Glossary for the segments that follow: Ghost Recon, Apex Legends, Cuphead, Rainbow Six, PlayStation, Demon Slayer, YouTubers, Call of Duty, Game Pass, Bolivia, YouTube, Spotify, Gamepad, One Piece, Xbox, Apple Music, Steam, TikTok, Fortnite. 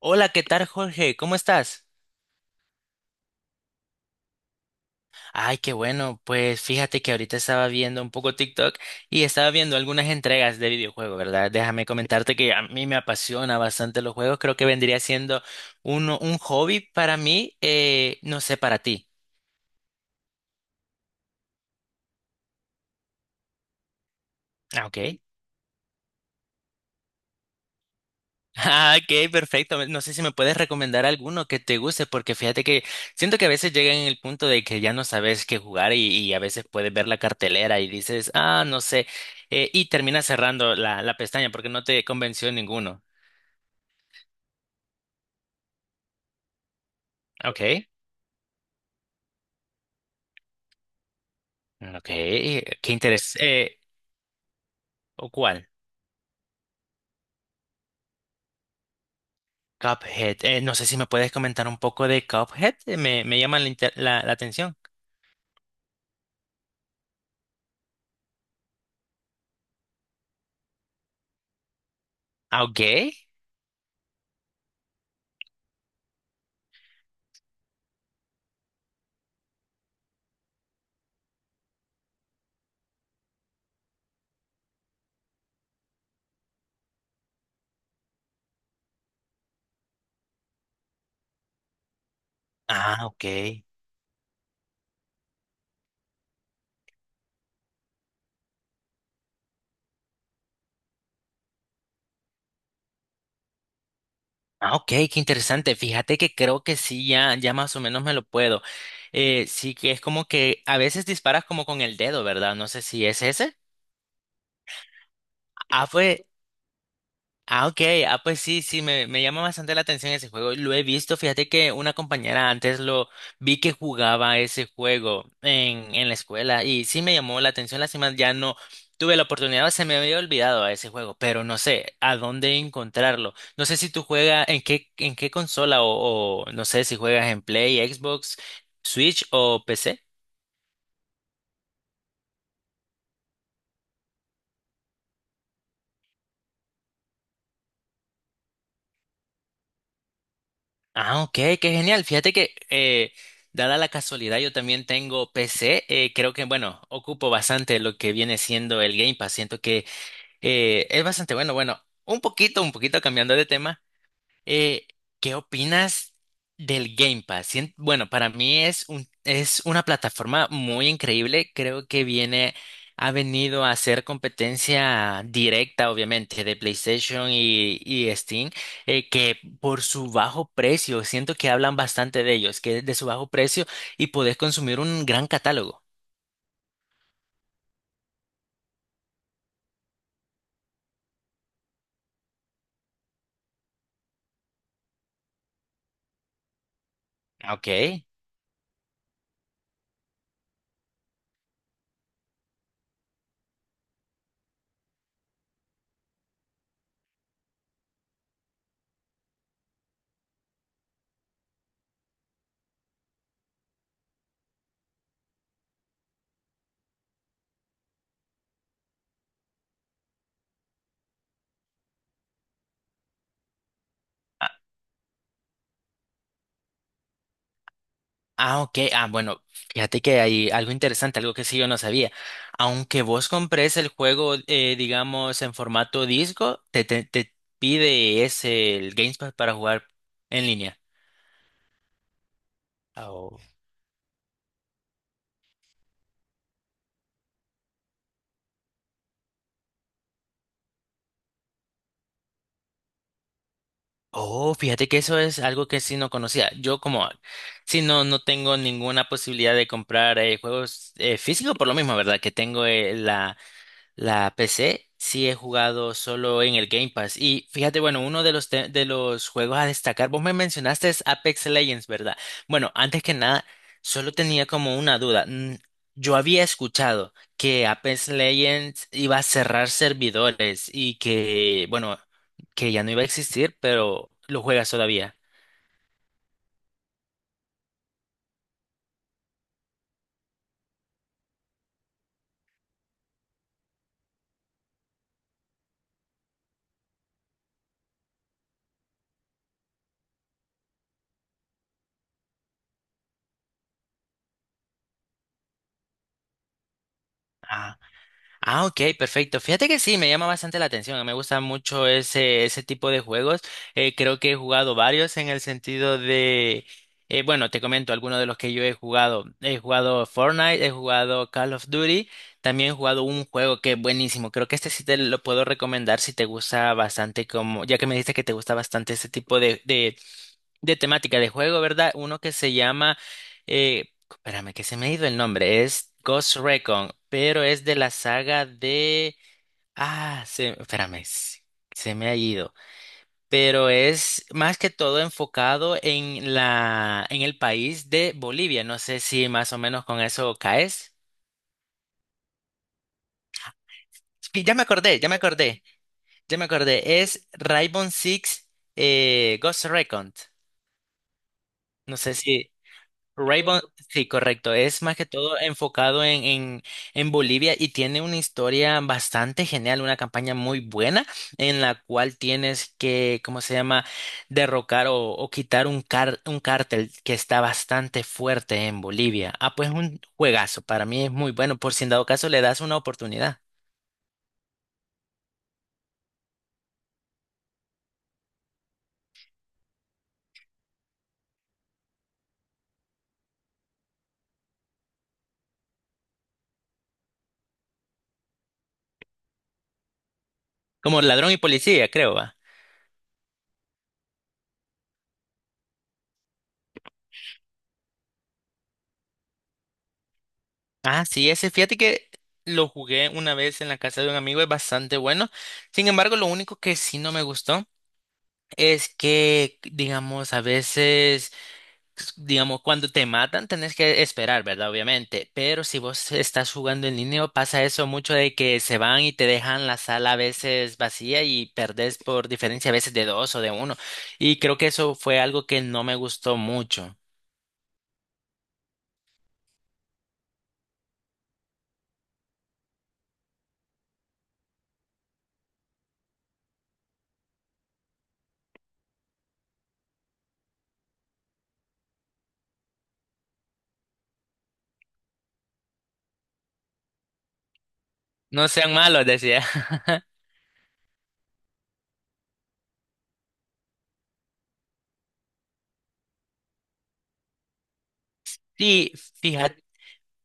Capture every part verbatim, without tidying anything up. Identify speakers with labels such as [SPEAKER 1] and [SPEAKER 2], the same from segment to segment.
[SPEAKER 1] Hola, ¿qué tal, Jorge? ¿Cómo estás? Ay, qué bueno. Pues fíjate que ahorita estaba viendo un poco TikTok y estaba viendo algunas entregas de videojuegos, ¿verdad? Déjame comentarte que a mí me apasiona bastante los juegos. Creo que vendría siendo uno, un hobby para mí, eh, no sé, para ti. Ah, ok. Ah, ok, perfecto. No sé si me puedes recomendar alguno que te guste, porque fíjate que siento que a veces llega en el punto de que ya no sabes qué jugar y, y a veces puedes ver la cartelera y dices, ah, no sé, eh, y terminas cerrando la, la pestaña porque no te convenció ninguno. Ok, ok, qué interés. Eh, ¿o cuál? Cuphead. Eh, no sé si me puedes comentar un poco de Cuphead. eh, Me, me llama la, inter- la, la atención. Ah, ok. Ah, ok. Ah, ok, qué interesante. Fíjate que creo que sí, ya, ya más o menos me lo puedo. Eh, sí que es como que a veces disparas como con el dedo, ¿verdad? No sé si es ese. Ah, fue, Ah, ok. Ah, pues sí, sí, me, me llama bastante la atención ese juego. Lo he visto. Fíjate que una compañera antes lo vi que jugaba ese juego en, en la escuela y sí me llamó la atención. Lástima, ya no tuve la oportunidad, se me había olvidado a ese juego, pero no sé a dónde encontrarlo. No sé si tú juegas en qué, en qué consola o, o no sé si juegas en Play, Xbox, Switch o P C. Ah, ok, qué genial. Fíjate que, eh, dada la casualidad, yo también tengo P C. Eh, creo que, bueno, ocupo bastante lo que viene siendo el Game Pass. Siento que eh, es bastante bueno. Bueno, un poquito, un poquito cambiando de tema. Eh, ¿qué opinas del Game Pass? Sien- Bueno, para mí es un, es una plataforma muy increíble. Creo que viene, ha venido a hacer competencia directa, obviamente, de PlayStation y, y Steam, eh, que por su bajo precio, siento que hablan bastante de ellos, que de su bajo precio y podés consumir un gran catálogo. Ok. Ah, ok. Ah, bueno, fíjate que hay algo interesante, algo que sí yo no sabía. Aunque vos compres el juego, eh, digamos, en formato disco, te, te, te pide ese el Gamepad para jugar en línea. Oh. Oh, fíjate que eso es algo que sí no conocía. Yo como, sí, no, no tengo ninguna posibilidad de comprar eh, juegos eh, físicos por lo mismo, ¿verdad? Que tengo eh, la la P C sí he jugado solo en el Game Pass. Y fíjate, bueno, uno de los, te- de los juegos a destacar, vos me mencionaste es Apex Legends, ¿verdad? Bueno, antes que nada, solo tenía como una duda. Mm, Yo había escuchado que Apex Legends iba a cerrar servidores y que, bueno, que ya no iba a existir, pero lo juegas todavía. Ah, ok, perfecto. Fíjate que sí, me llama bastante la atención. Me gusta mucho ese, ese tipo de juegos. Eh, creo que he jugado varios en el sentido de, eh, bueno, te comento algunos de los que yo he jugado. He jugado Fortnite, he jugado Call of Duty, también he jugado un juego que es buenísimo. Creo que este sí te lo puedo recomendar si te gusta bastante como, ya que me dijiste que te gusta bastante ese tipo de, de de temática de juego, ¿verdad? Uno que se llama, eh, espérame, que se me ha ido el nombre, es Ghost Recon, pero es de la saga de, ah, se, espérame, se se me ha ido, pero es más que todo enfocado en la, en el país de Bolivia, no sé si más o menos con eso caes. Sí, ya me acordé, ya me acordé, ya me acordé, es Rainbow Six eh, Ghost Recon, no sé si Raybon, sí, correcto. Es más que todo enfocado en, en, en Bolivia y tiene una historia bastante genial, una campaña muy buena en la cual tienes que, ¿cómo se llama?, derrocar o, o quitar un, car- un cártel que está bastante fuerte en Bolivia. Ah, pues un juegazo, para mí es muy bueno, por si en dado caso le das una oportunidad. Como ladrón y policía, creo, va. Ah, sí, ese, fíjate que lo jugué una vez en la casa de un amigo, es bastante bueno. Sin embargo, lo único que sí no me gustó. Es que, digamos, a veces, digamos, cuando te matan tenés que esperar, ¿verdad? Obviamente, pero si vos estás jugando en línea pasa eso mucho de que se van y te dejan la sala a veces vacía y perdés por diferencia a veces de dos o de uno. Y creo que eso fue algo que no me gustó mucho. No sean malos, decía. Y fíjate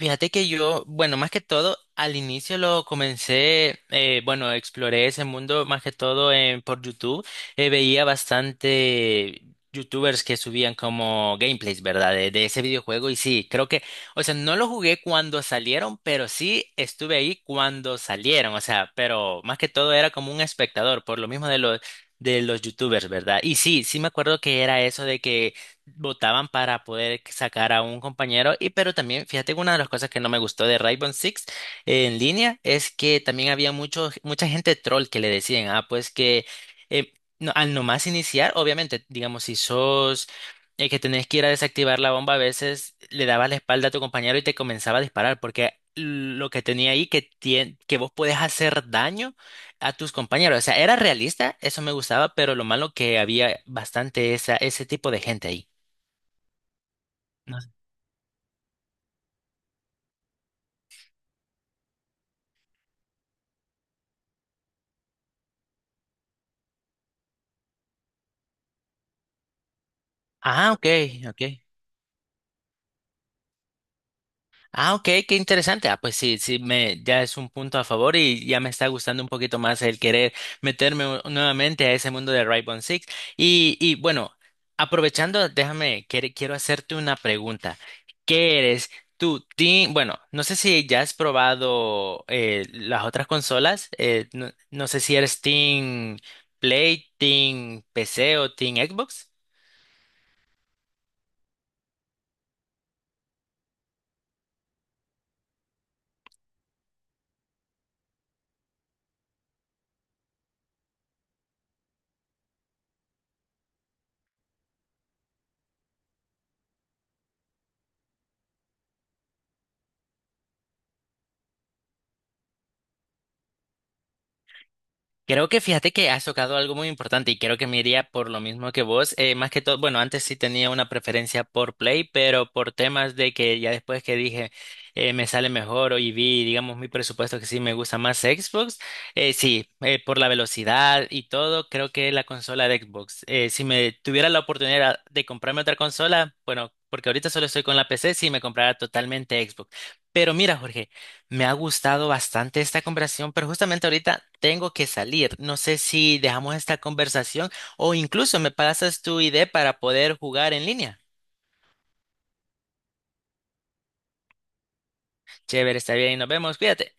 [SPEAKER 1] Fíjate que yo, bueno, más que todo, al inicio lo comencé, eh, bueno, exploré ese mundo más que todo en, por YouTube. Eh, veía bastante YouTubers que subían como gameplays, ¿verdad? De, de ese videojuego y sí, creo que, o sea, no lo jugué cuando salieron, pero sí estuve ahí cuando salieron, o sea, pero más que todo era como un espectador, por lo mismo de los, de los YouTubers, ¿verdad? Y sí, sí me acuerdo que era eso de que votaban para poder sacar a un compañero. Y pero también, fíjate que una de las cosas que no me gustó de Rainbow Six eh, en línea es que también había mucho, mucha gente troll que le decían, ah, pues que eh, no- al nomás iniciar, obviamente, digamos, si sos eh, que tenés que ir a desactivar la bomba, a veces le dabas la espalda a tu compañero y te comenzaba a disparar, porque lo que tenía ahí que, tien- que vos podés hacer daño a tus compañeros. O sea, era realista, eso me gustaba, pero lo malo que había bastante esa, ese tipo de gente ahí. No sé. Ah, ok, ok. Ah, ok, qué interesante. Ah, pues sí, sí, me, ya es un punto a favor y ya me está gustando un poquito más el querer meterme u- nuevamente a ese mundo de Rainbow Six. Y, y bueno, aprovechando, déjame, quere- quiero hacerte una pregunta. ¿Qué eres tú, team? Bueno, no sé si ya has probado eh, las otras consolas. eh, no, no sé si eres Team Play, Team P C o Team Xbox. Creo que fíjate que has tocado algo muy importante y creo que me iría por lo mismo que vos. Eh, más que todo, bueno, antes sí tenía una preferencia por Play, pero por temas de que ya después que dije eh, me sale mejor o y vi, digamos, mi presupuesto que sí me gusta más Xbox, eh, sí, eh, por la velocidad y todo, creo que la consola de Xbox. Eh, si me tuviera la oportunidad de comprarme otra consola, bueno, porque ahorita solo estoy con la P C, sí me comprara totalmente Xbox. Pero mira, Jorge. Me ha gustado bastante esta conversación, pero justamente ahorita tengo que salir. No sé si dejamos esta conversación o incluso me pasas tu idea para poder jugar en línea. Chévere, está bien, nos vemos, cuídate.